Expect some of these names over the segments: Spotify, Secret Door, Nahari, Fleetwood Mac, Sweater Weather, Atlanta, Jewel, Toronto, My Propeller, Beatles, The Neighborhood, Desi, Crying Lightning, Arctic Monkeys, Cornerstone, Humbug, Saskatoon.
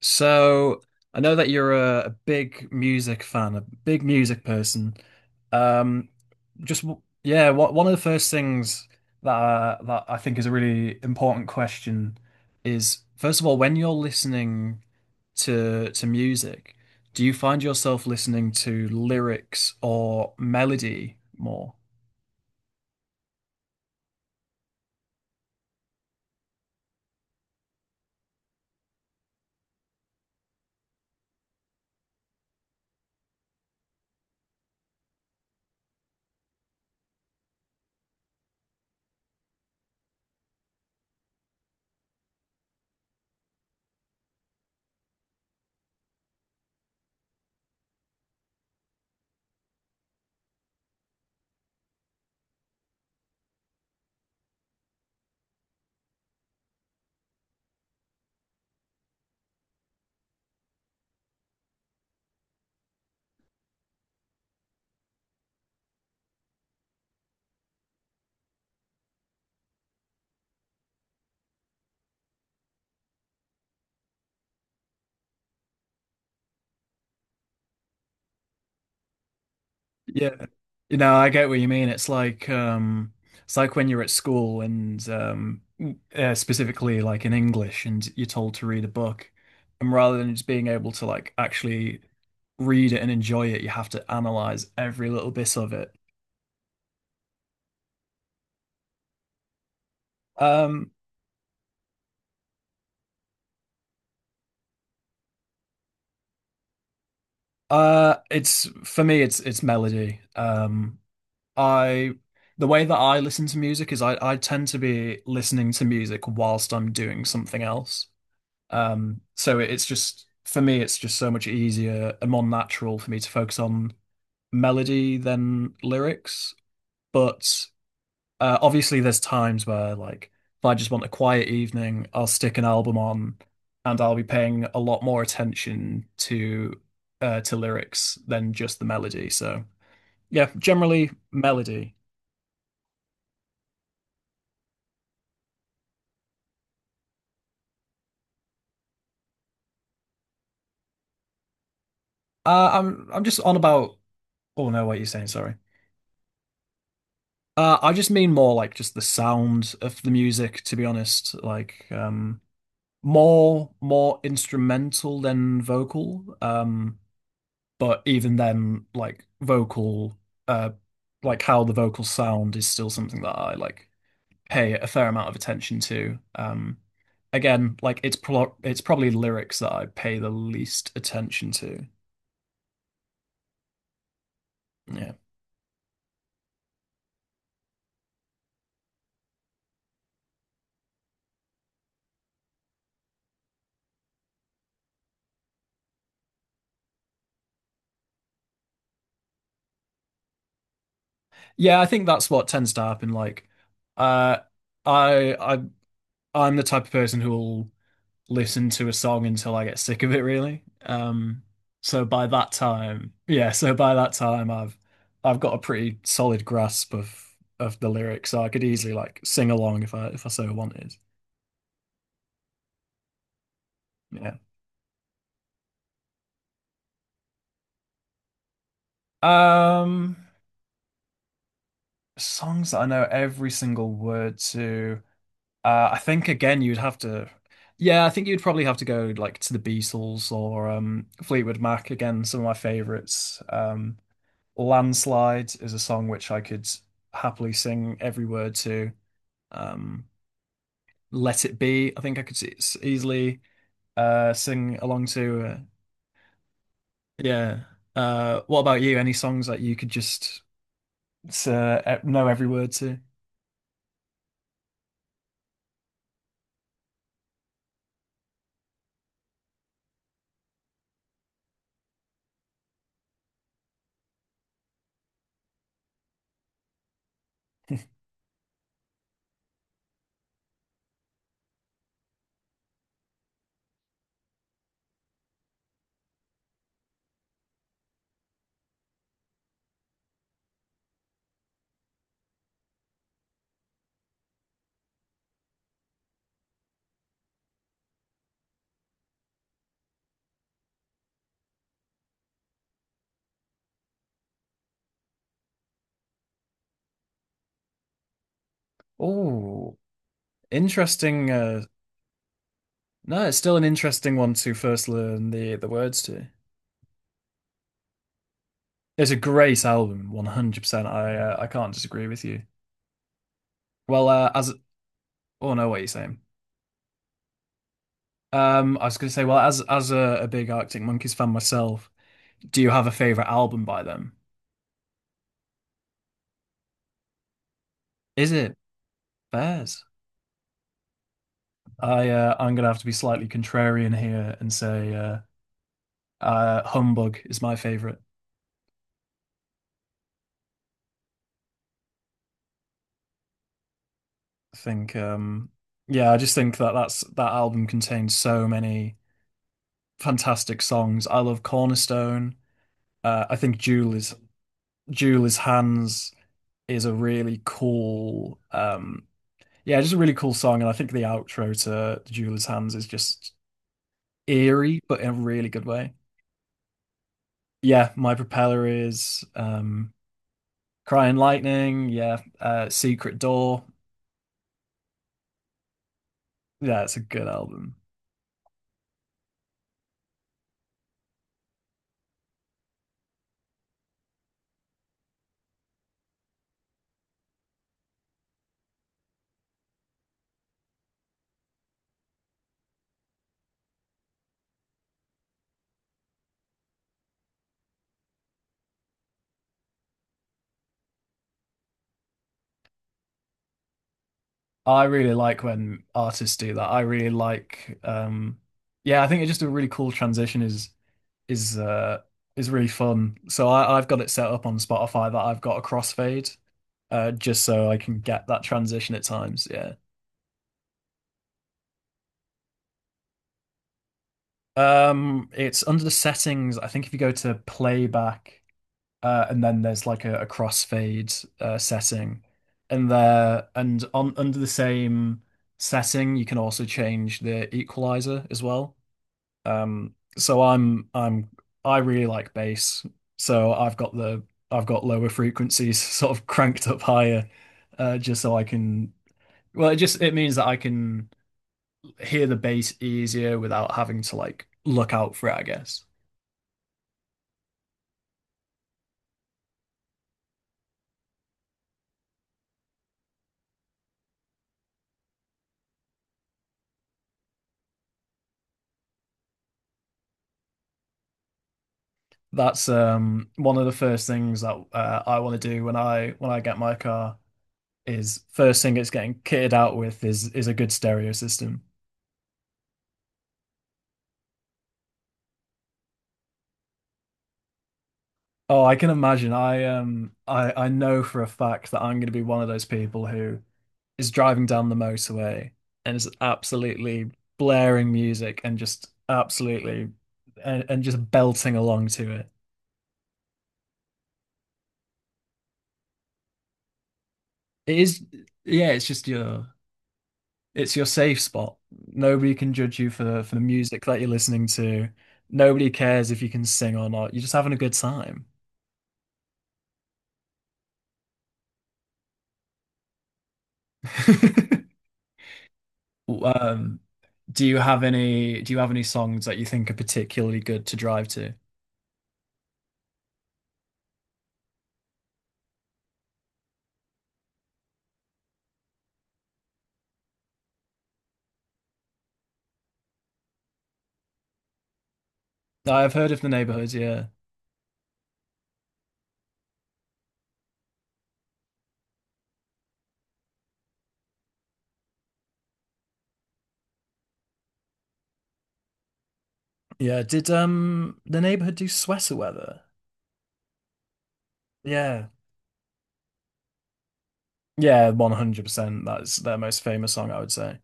So I know that you're a big music fan, a big music person. Um, yeah, what, one of the first things that I think is a really important question is, first of all, when you're listening to music, do you find yourself listening to lyrics or melody more? Yeah. You know, I get what you mean. It's like when you're at school and specifically like in English and you're told to read a book, and rather than just being able to like actually read it and enjoy it, you have to analyze every little bit of it. Um it's for me, it's melody. I The way that I listen to music is I tend to be listening to music whilst I'm doing something else. So it's just for me, it's just so much easier and more natural for me to focus on melody than lyrics. But obviously, there's times where like if I just want a quiet evening, I'll stick an album on, and I'll be paying a lot more attention to lyrics than just the melody. So yeah, generally melody. I'm just on about. Oh no, what are you saying? Sorry. I just mean more like just the sound of the music, to be honest. Like more instrumental than vocal. But even then like vocal uh like how the vocals sound is still something that I like pay a fair amount of attention to. Like it's probably lyrics that I pay the least attention to. Yeah. Yeah, I think that's what tends to happen. Like uh I I I'm the type of person who'll listen to a song until I get sick of it, really. So by that time, yeah, so by that time I've got a pretty solid grasp of the lyrics, so I could easily like sing along if I so wanted. Yeah. Um, songs that I know every single word to. I think again you'd have to. Yeah, I think you'd probably have to go like to the Beatles or Fleetwood Mac again, some of my favorites. Landslide is a song which I could happily sing every word to. Um, Let It Be, I think I could easily sing along to. Yeah. What about you? Any songs that you could just know every word to? Oh, interesting. No, it's still an interesting one to first learn the words to. It's a great album, 100%. I can't disagree with you. Well, as oh no, what are you saying? I was going to say, well, as a big Arctic Monkeys fan myself, do you have a favorite album by them? Is it Bears? I I'm going to have to be slightly contrarian here and say Humbug is my favorite. I think, yeah, I just think that that album contains so many fantastic songs. I love Cornerstone. I think Jewel is Hands is a really cool yeah, just a really cool song, and I think the outro to Jewel's Hands is just eerie, but in a really good way. Yeah, My Propeller is Crying Lightning. Yeah, Secret Door. Yeah, it's a good album. I really like when artists do that. I really like. Yeah, I think it's just a really cool transition. Is uh, is really fun. So I've got it set up on Spotify that I've got a crossfade, just so I can get that transition at times. Yeah. It's under the settings. I think if you go to playback and then there's like a crossfade setting in there, and on under the same setting, you can also change the equalizer as well. Um, so I'm I'm I really like bass, so I've got lower frequencies sort of cranked up higher, just so I can. Well, it just it means that I can hear the bass easier without having to like look out for it, I guess. That's one of the first things that I want to do when I get my car is first thing it's getting kitted out with is a good stereo system. Oh, I can imagine. I know for a fact that I'm going to be one of those people who is driving down the motorway and is absolutely blaring music and just belting along to it. It is yeah, it's just your. It's your safe spot. Nobody can judge you for the music that you're listening to. Nobody cares if you can sing or not. You're just having a good time. Um, do you have any songs that you think are particularly good to drive to? I've heard of The Neighborhood, yeah. Yeah, did The Neighborhood do Sweater Weather? Yeah. Yeah, 100%. That's their most famous song, I would say.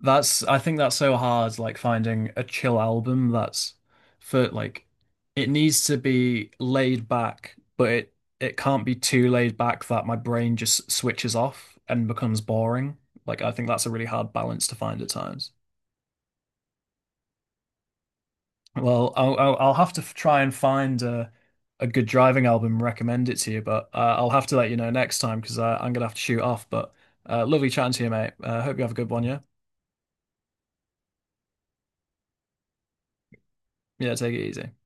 That's, I think that's so hard, like finding a chill album that's for like it needs to be laid back, but it can't be too laid back that my brain just switches off and becomes boring. Like I think that's a really hard balance to find at times. Well, I'll have to try and find a good driving album and recommend it to you, but I'll have to let you know next time because I'm gonna have to shoot off. But lovely chatting to you, mate. Hope you have a good one, yeah? Yeah, take it easy.